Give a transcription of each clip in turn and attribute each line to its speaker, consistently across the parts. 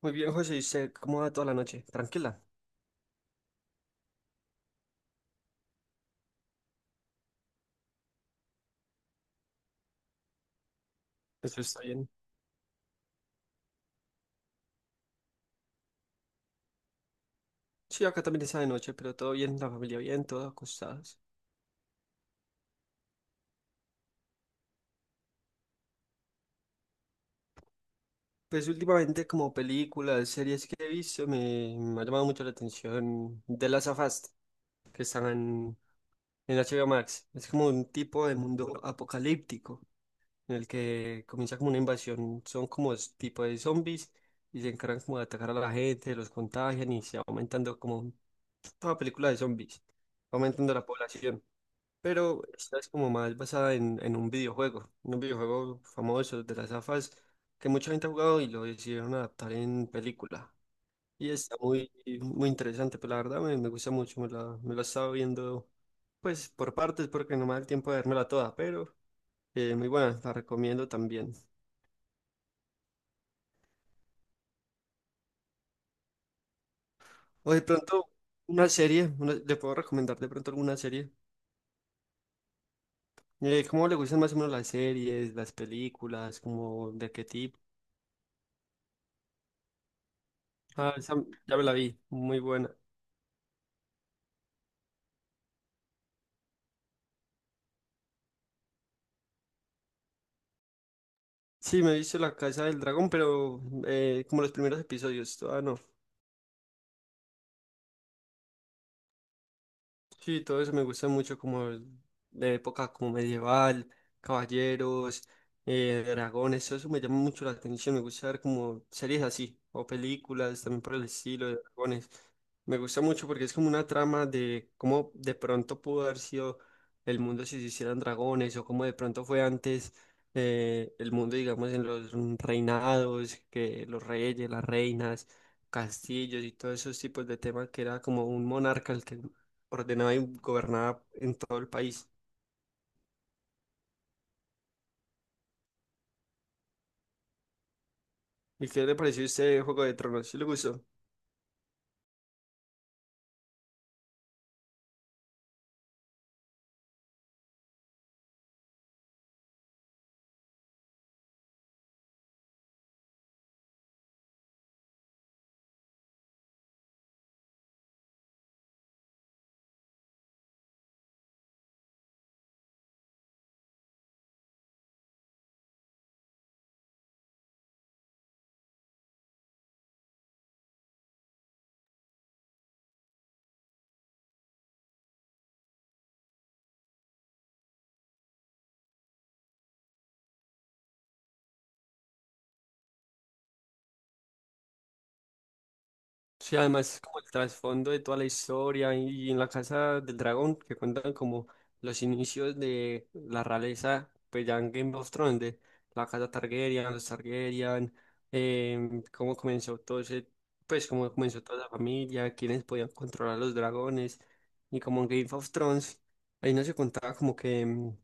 Speaker 1: Muy bien, José, ¿y usted cómo va toda la noche? Tranquila, eso está bien. Sí, acá también está de noche, pero todo bien, la familia bien, todos acostados. Pues últimamente como películas, series que he visto, me ha llamado mucho la atención de las of Us, que están en HBO Max. Es como un tipo de mundo apocalíptico, en el que comienza como una invasión, son como tipo de zombies, y se encargan como de atacar a la gente, los contagian y se va aumentando como toda película de zombies, va aumentando la población. Pero esta es como más basada en un videojuego famoso de las AFAS que mucha gente ha jugado y lo decidieron adaptar en película. Y está muy interesante, pero la verdad me gusta mucho, me la estaba viendo pues por partes porque no me da el tiempo de vérmela toda, pero muy buena, la recomiendo también. O de pronto una serie, le puedo recomendar de pronto alguna serie. ¿Cómo le gustan más o menos las series, las películas, como de qué tipo? Ah, esa ya me la vi, muy buena. Sí, me he visto La Casa del Dragón, pero como los primeros episodios, todavía no. Sí, todo eso me gusta mucho, de época como medieval, caballeros, dragones, todo eso me llama mucho la atención. Me gusta ver como series así, o películas también por el estilo de dragones. Me gusta mucho porque es como una trama de cómo de pronto pudo haber sido el mundo si se hicieran dragones, o cómo de pronto fue antes el mundo, digamos, en los reinados, que los reyes, las reinas, castillos y todos esos tipos de temas que era como un monarca el que ordenada y gobernada en todo el país. ¿Y qué le pareció este Juego de Tronos? ¿Sí le gustó? Sí, además, como el trasfondo de toda la historia y en la Casa del Dragón, que cuentan como los inicios de la realeza, pues ya en Game of Thrones, de la Casa Targaryen, los Targaryen, cómo comenzó todo ese, pues cómo comenzó toda la familia, quiénes podían controlar los dragones, y como en Game of Thrones, ahí no se contaba como que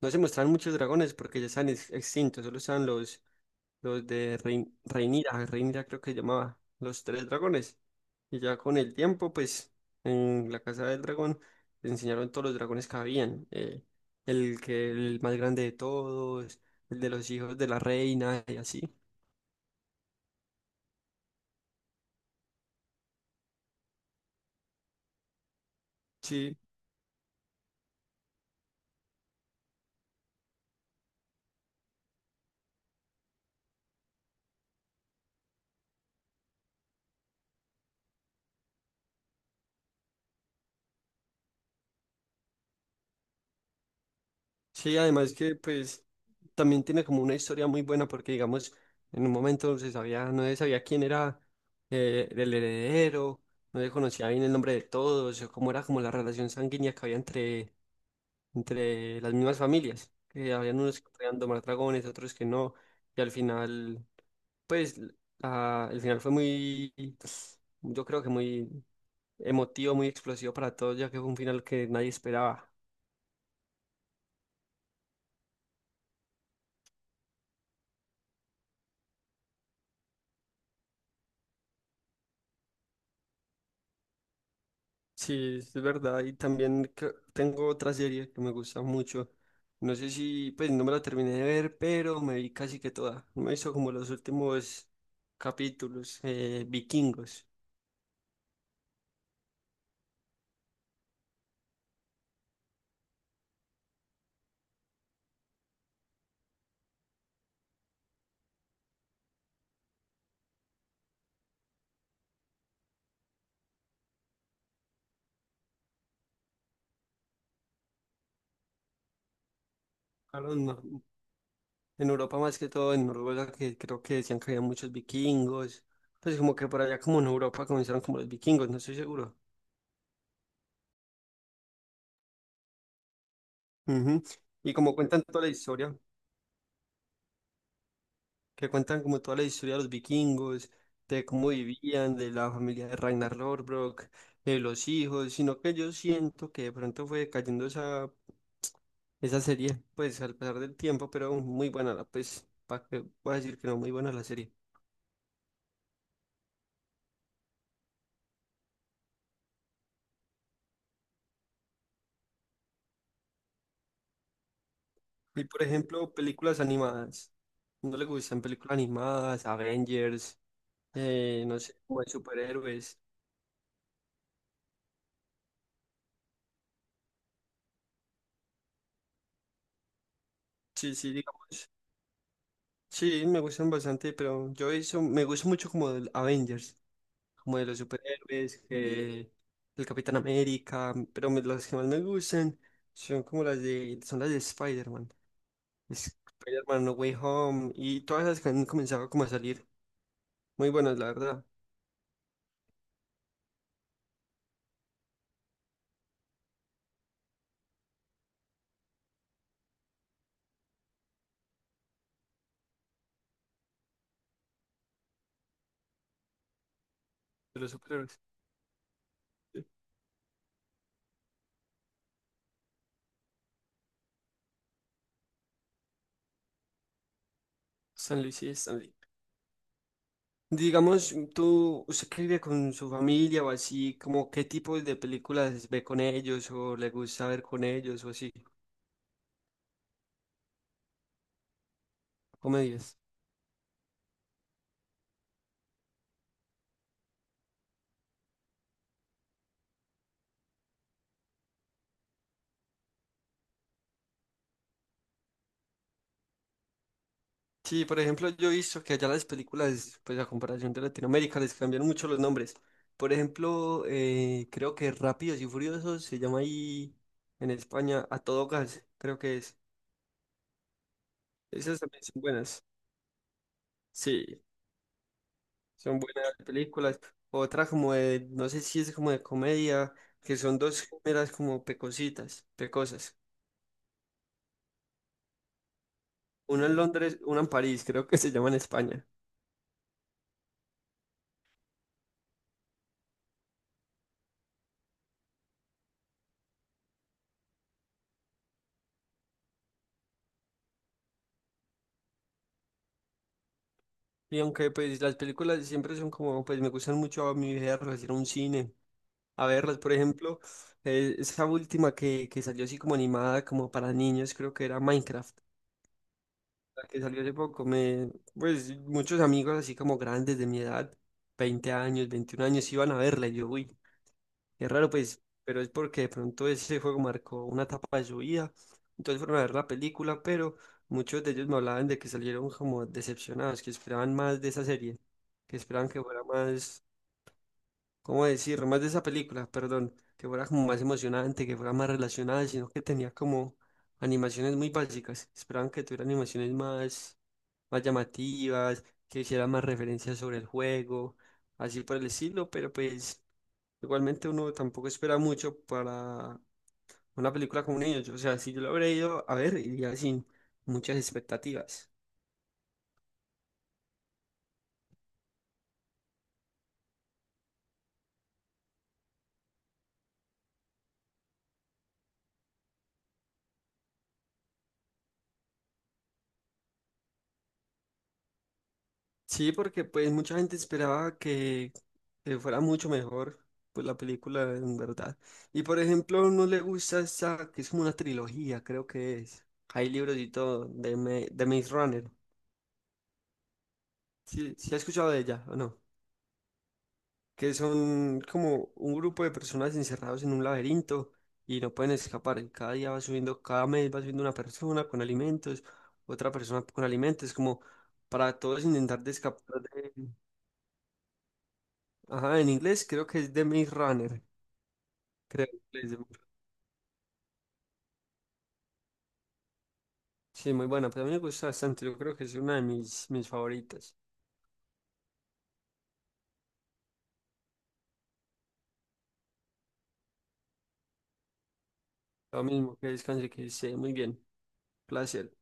Speaker 1: no se muestran muchos dragones porque ya están extintos, solo están los de Rein Rhaenyra, Rhaenyra creo que se llamaba, los tres dragones. Y ya con el tiempo, pues, en la casa del dragón les enseñaron todos los dragones que habían. El que el más grande de todos, el de los hijos de la reina y así. Sí. Sí, además que pues también tiene como una historia muy buena porque digamos, en un momento se sabía, no se sabía quién era el heredero, no se conocía bien el nombre de todos, o cómo era como la relación sanguínea que había entre las mismas familias, que habían unos que podían domar dragones, otros que no, y al final, pues el final fue yo creo que muy emotivo, muy explosivo para todos, ya que fue un final que nadie esperaba. Sí, es verdad. Y también tengo otra serie que me gusta mucho. No sé si, pues no me la terminé de ver, pero me vi casi que toda. Me hizo como los últimos capítulos, vikingos. Claro, en Europa más que todo, en Noruega, que creo que decían que había muchos vikingos. Pues como que por allá como en Europa comenzaron como los vikingos, no estoy seguro. Ujú. Y como cuentan toda la historia, que cuentan como toda la historia de los vikingos, de cómo vivían, de la familia de Ragnar Lothbrok, de los hijos, sino que yo siento que de pronto fue cayendo esa serie, pues al pasar del tiempo, pero muy buena la, pues, para que voy a decir que no, muy buena la serie. Y por ejemplo, películas animadas. ¿No le gustan películas animadas, Avengers, no sé, como de superhéroes? Sí, sí, digamos. Sí, me gustan bastante, pero yo eso, me gusta mucho como el Avengers, como de los superhéroes, que el Capitán América, pero las que más me gustan son como las de, son las de Spider-Man, Spider-Man No Way Home, y todas las que han comenzado como a salir, muy buenas, la verdad, de los superhéroes. Stan Lee, sí, Stan Lee. Digamos, usted que vive con su familia o así, como qué tipo de películas ve con ellos o le gusta ver con ellos o así, comedias. Sí, por ejemplo, yo he visto que allá las películas, pues a comparación de Latinoamérica, les cambian mucho los nombres. Por ejemplo, creo que Rápidos y Furiosos se llama ahí en España A Todo Gas, creo que es. Esas también son buenas. Sí, son buenas películas. Otra como de, no sé si es como de comedia, que son dos géneras como pecositas, pecosas. Una en Londres, una en París, creo que se llama en España. Y aunque pues las películas siempre son como, pues me gustan mucho a mi viaje a un cine a verlas. Por ejemplo, esa última que salió así como animada, como para niños, creo que era Minecraft, la que salió hace poco. Pues muchos amigos así como grandes de mi edad, 20 años, 21 años, iban a verla. Y yo, uy, es raro, pues, pero es porque de pronto ese juego marcó una etapa de su vida. Entonces fueron a ver la película, pero muchos de ellos me hablaban de que salieron como decepcionados, que esperaban más de esa serie, que esperaban que fuera más, ¿cómo decir? Más de esa película, perdón, que fuera como más emocionante, que fuera más relacionada, sino que tenía como animaciones muy básicas. Esperaban que tuviera animaciones más llamativas, que hiciera más referencias sobre el juego, así por el estilo, pero pues igualmente uno tampoco espera mucho para una película con un niño, o sea, si yo lo habría ido a ver, iría sin muchas expectativas. Sí, porque pues mucha gente esperaba que fuera mucho mejor pues la película en verdad. Y por ejemplo, no le gusta esa, que es como una trilogía, creo que es. Hay libros y todo de, de Maze Runner. ¿Sí, sí ha escuchado de ella o no? Que son como un grupo de personas encerrados en un laberinto y no pueden escapar. Y cada día va subiendo, cada mes va subiendo una persona con alimentos, otra persona con alimentos, como para todos intentar de escapar de... Ajá, en inglés creo que es The Maze Runner, creo. Que es de... Sí, muy buena, pero a mí me gusta bastante, yo creo que es una de mis favoritas. Lo mismo que descanse, que esté muy bien. Placer.